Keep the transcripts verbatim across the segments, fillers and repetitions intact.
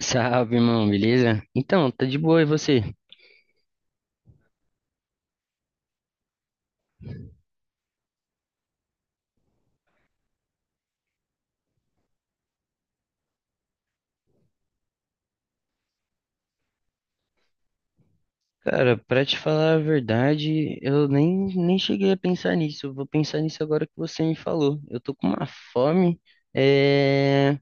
Salve, irmão, beleza? Então, tá de boa, e você? Cara, pra te falar a verdade, eu nem, nem cheguei a pensar nisso. Eu Vou pensar nisso agora que você me falou. Eu tô com uma fome, é...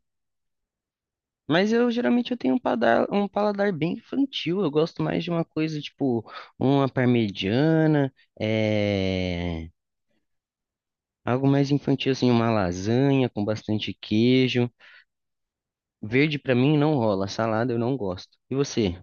mas eu geralmente eu tenho um paladar, um paladar bem infantil. Eu gosto mais de uma coisa tipo uma parmegiana, é... algo mais infantil, assim, uma lasanha com bastante queijo. Verde pra mim não rola, salada eu não gosto. E você?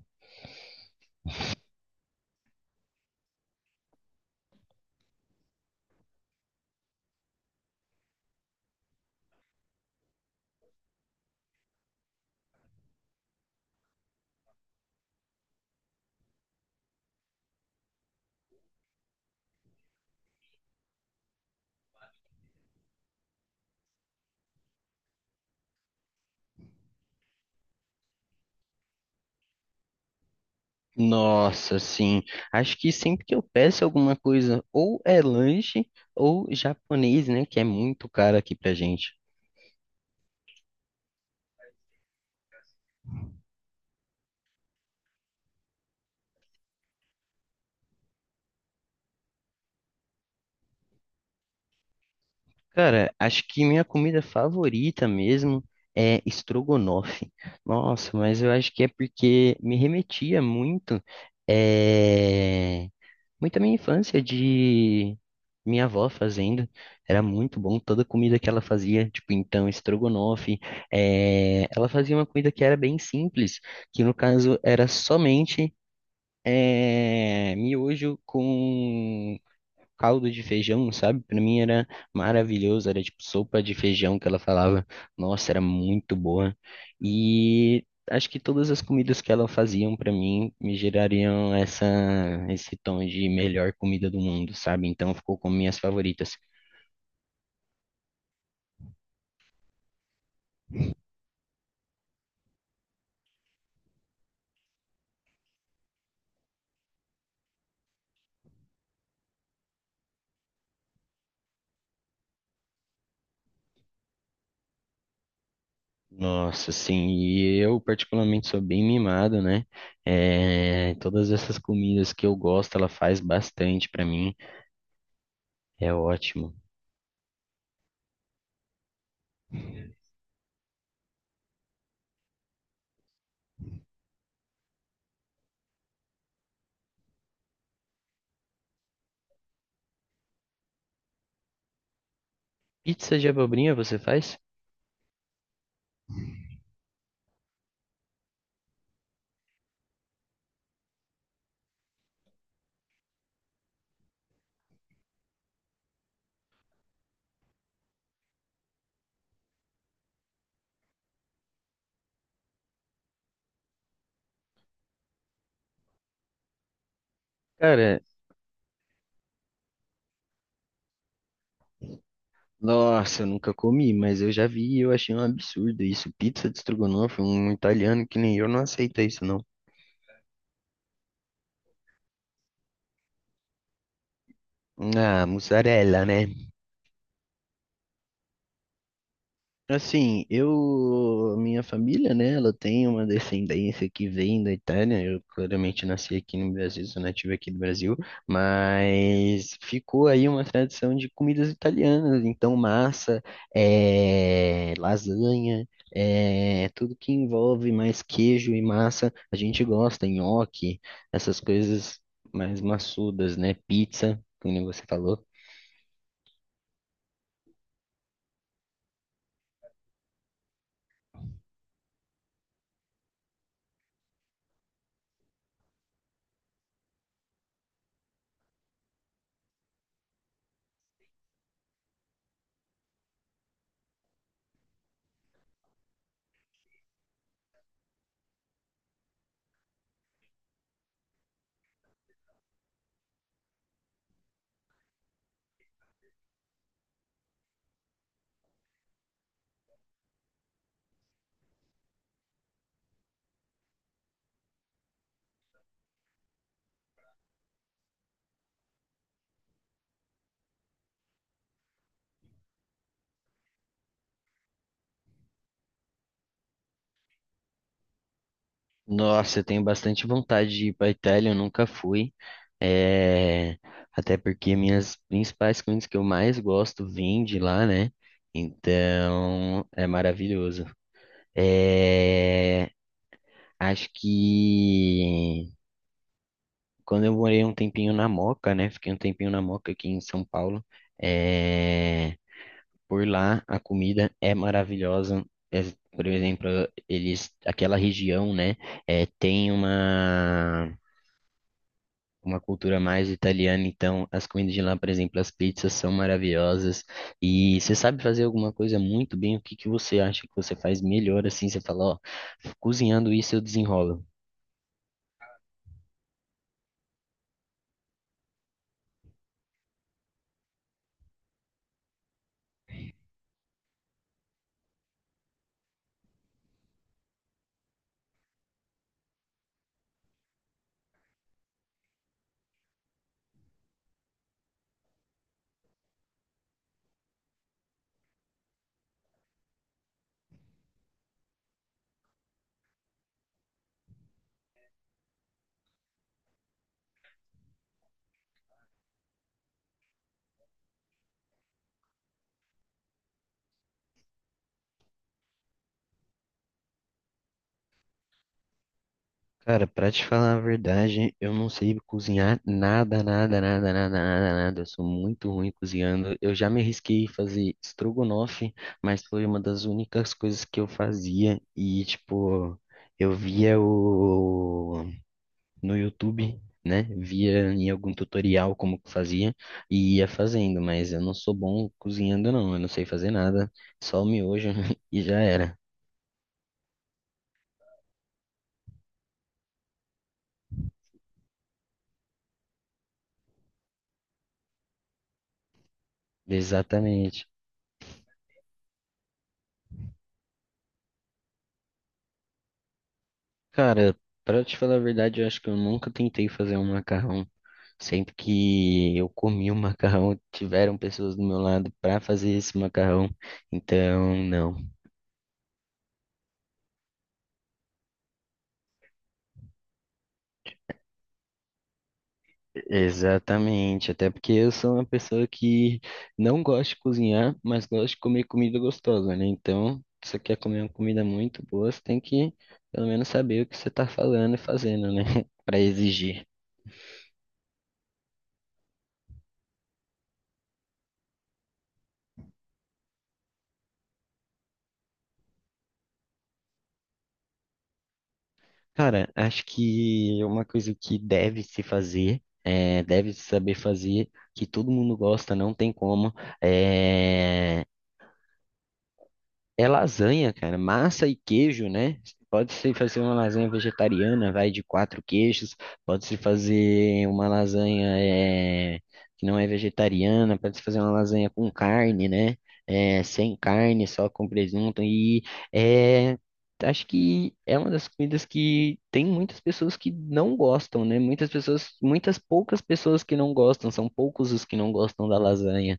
Nossa, sim. Acho que sempre que eu peço alguma coisa, ou é lanche ou japonês, né? Que é muito caro aqui pra gente. Cara, acho que minha comida favorita mesmo é estrogonofe. Nossa, mas eu acho que é porque me remetia muito, eh, muito à minha infância de minha avó fazendo. Era muito bom toda a comida que ela fazia, tipo, então, estrogonofe. eh, Ela fazia uma comida que era bem simples, que no caso era somente eh, miojo com caldo de feijão, sabe? Pra mim era maravilhoso, era tipo sopa de feijão que ela falava. Nossa, era muito boa. E acho que todas as comidas que ela faziam pra mim me gerariam essa esse tom de melhor comida do mundo, sabe? Então ficou como minhas favoritas. Nossa, sim, e eu particularmente sou bem mimado, né? É, todas essas comidas que eu gosto, ela faz bastante pra mim. É ótimo. Pizza de abobrinha você faz? Cara, nossa, eu nunca comi, mas eu já vi e eu achei um absurdo isso. Pizza de estrogonofe, um italiano que nem eu não aceita isso, não. Ah, mussarela, né? Assim, eu, minha família, né, ela tem uma descendência que vem da Itália. Eu claramente nasci aqui no Brasil, sou nativo aqui do Brasil, mas ficou aí uma tradição de comidas italianas. Então, massa, é, lasanha, é, tudo que envolve mais queijo e massa, a gente gosta, nhoque, essas coisas mais maçudas, né? Pizza, como você falou. Nossa, eu tenho bastante vontade de ir para Itália, eu nunca fui. É, até porque minhas principais comidas que eu mais gosto vêm de lá, né? Então é maravilhoso. É, acho que quando eu morei um tempinho na Moca, né? Fiquei um tempinho na Moca aqui em São Paulo. é, Por lá a comida é maravilhosa. É, por exemplo, eles, aquela região, né? é, tem uma uma cultura mais italiana, então as comidas de lá, por exemplo, as pizzas são maravilhosas. E você sabe fazer alguma coisa muito bem, o que que você acha que você faz melhor assim? Você fala, ó, cozinhando isso eu desenrolo. Cara, pra te falar a verdade, eu não sei cozinhar nada, nada, nada, nada, nada, nada. Eu sou muito ruim cozinhando. Eu já me arrisquei a fazer estrogonofe, mas foi uma das únicas coisas que eu fazia e, tipo, eu via o no YouTube, né? Via em algum tutorial como que fazia e ia fazendo, mas eu não sou bom cozinhando, não. Eu não sei fazer nada, só o miojo e já era. Exatamente. Cara, pra te falar a verdade, eu acho que eu nunca tentei fazer um macarrão. Sempre que eu comi um macarrão, tiveram pessoas do meu lado pra fazer esse macarrão. Então, não. Exatamente, até porque eu sou uma pessoa que não gosta de cozinhar, mas gosta de comer comida gostosa, né? Então, se você quer comer uma comida muito boa, você tem que pelo menos saber o que você tá falando e fazendo, né? Para exigir. Cara, acho que uma coisa que deve se fazer, é, deve se saber fazer, que todo mundo gosta, não tem como, é lasanha, cara. Massa e queijo, né? Pode-se fazer uma lasanha vegetariana, vai de quatro queijos. Pode-se fazer uma lasanha é, que não é vegetariana. Pode-se fazer uma lasanha com carne, né? É, sem carne, só com presunto. E é, acho que é uma das comidas que tem muitas pessoas que não gostam, né? Muitas pessoas, muitas poucas pessoas que não gostam. São poucos os que não gostam da lasanha.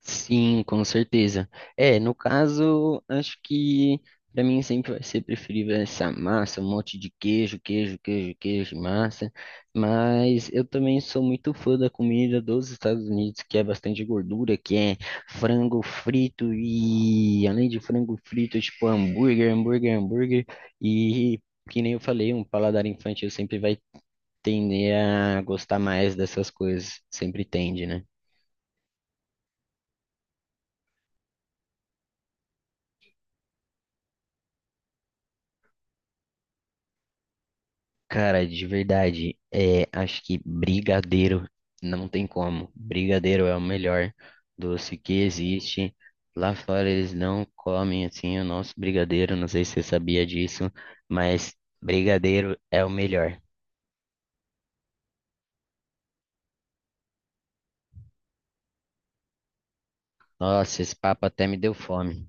Sim, com certeza. É, no caso, acho que para mim sempre vai ser preferível essa massa, um monte de queijo, queijo, queijo, queijo, massa. Mas eu também sou muito fã da comida dos Estados Unidos, que é bastante gordura, que é frango frito e além de frango frito, tipo hambúrguer, hambúrguer, hambúrguer. E que nem eu falei, um paladar infantil sempre vai tender a gostar mais dessas coisas, sempre tende, né? Cara, de verdade, é, acho que brigadeiro não tem como. Brigadeiro é o melhor doce que existe. Lá fora eles não comem assim o nosso brigadeiro, não sei se você sabia disso, mas brigadeiro é o melhor. Nossa, esse papo até me deu fome.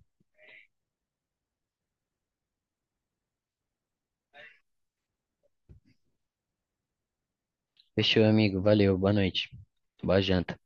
Fechou, amigo. Valeu, boa noite. Boa janta.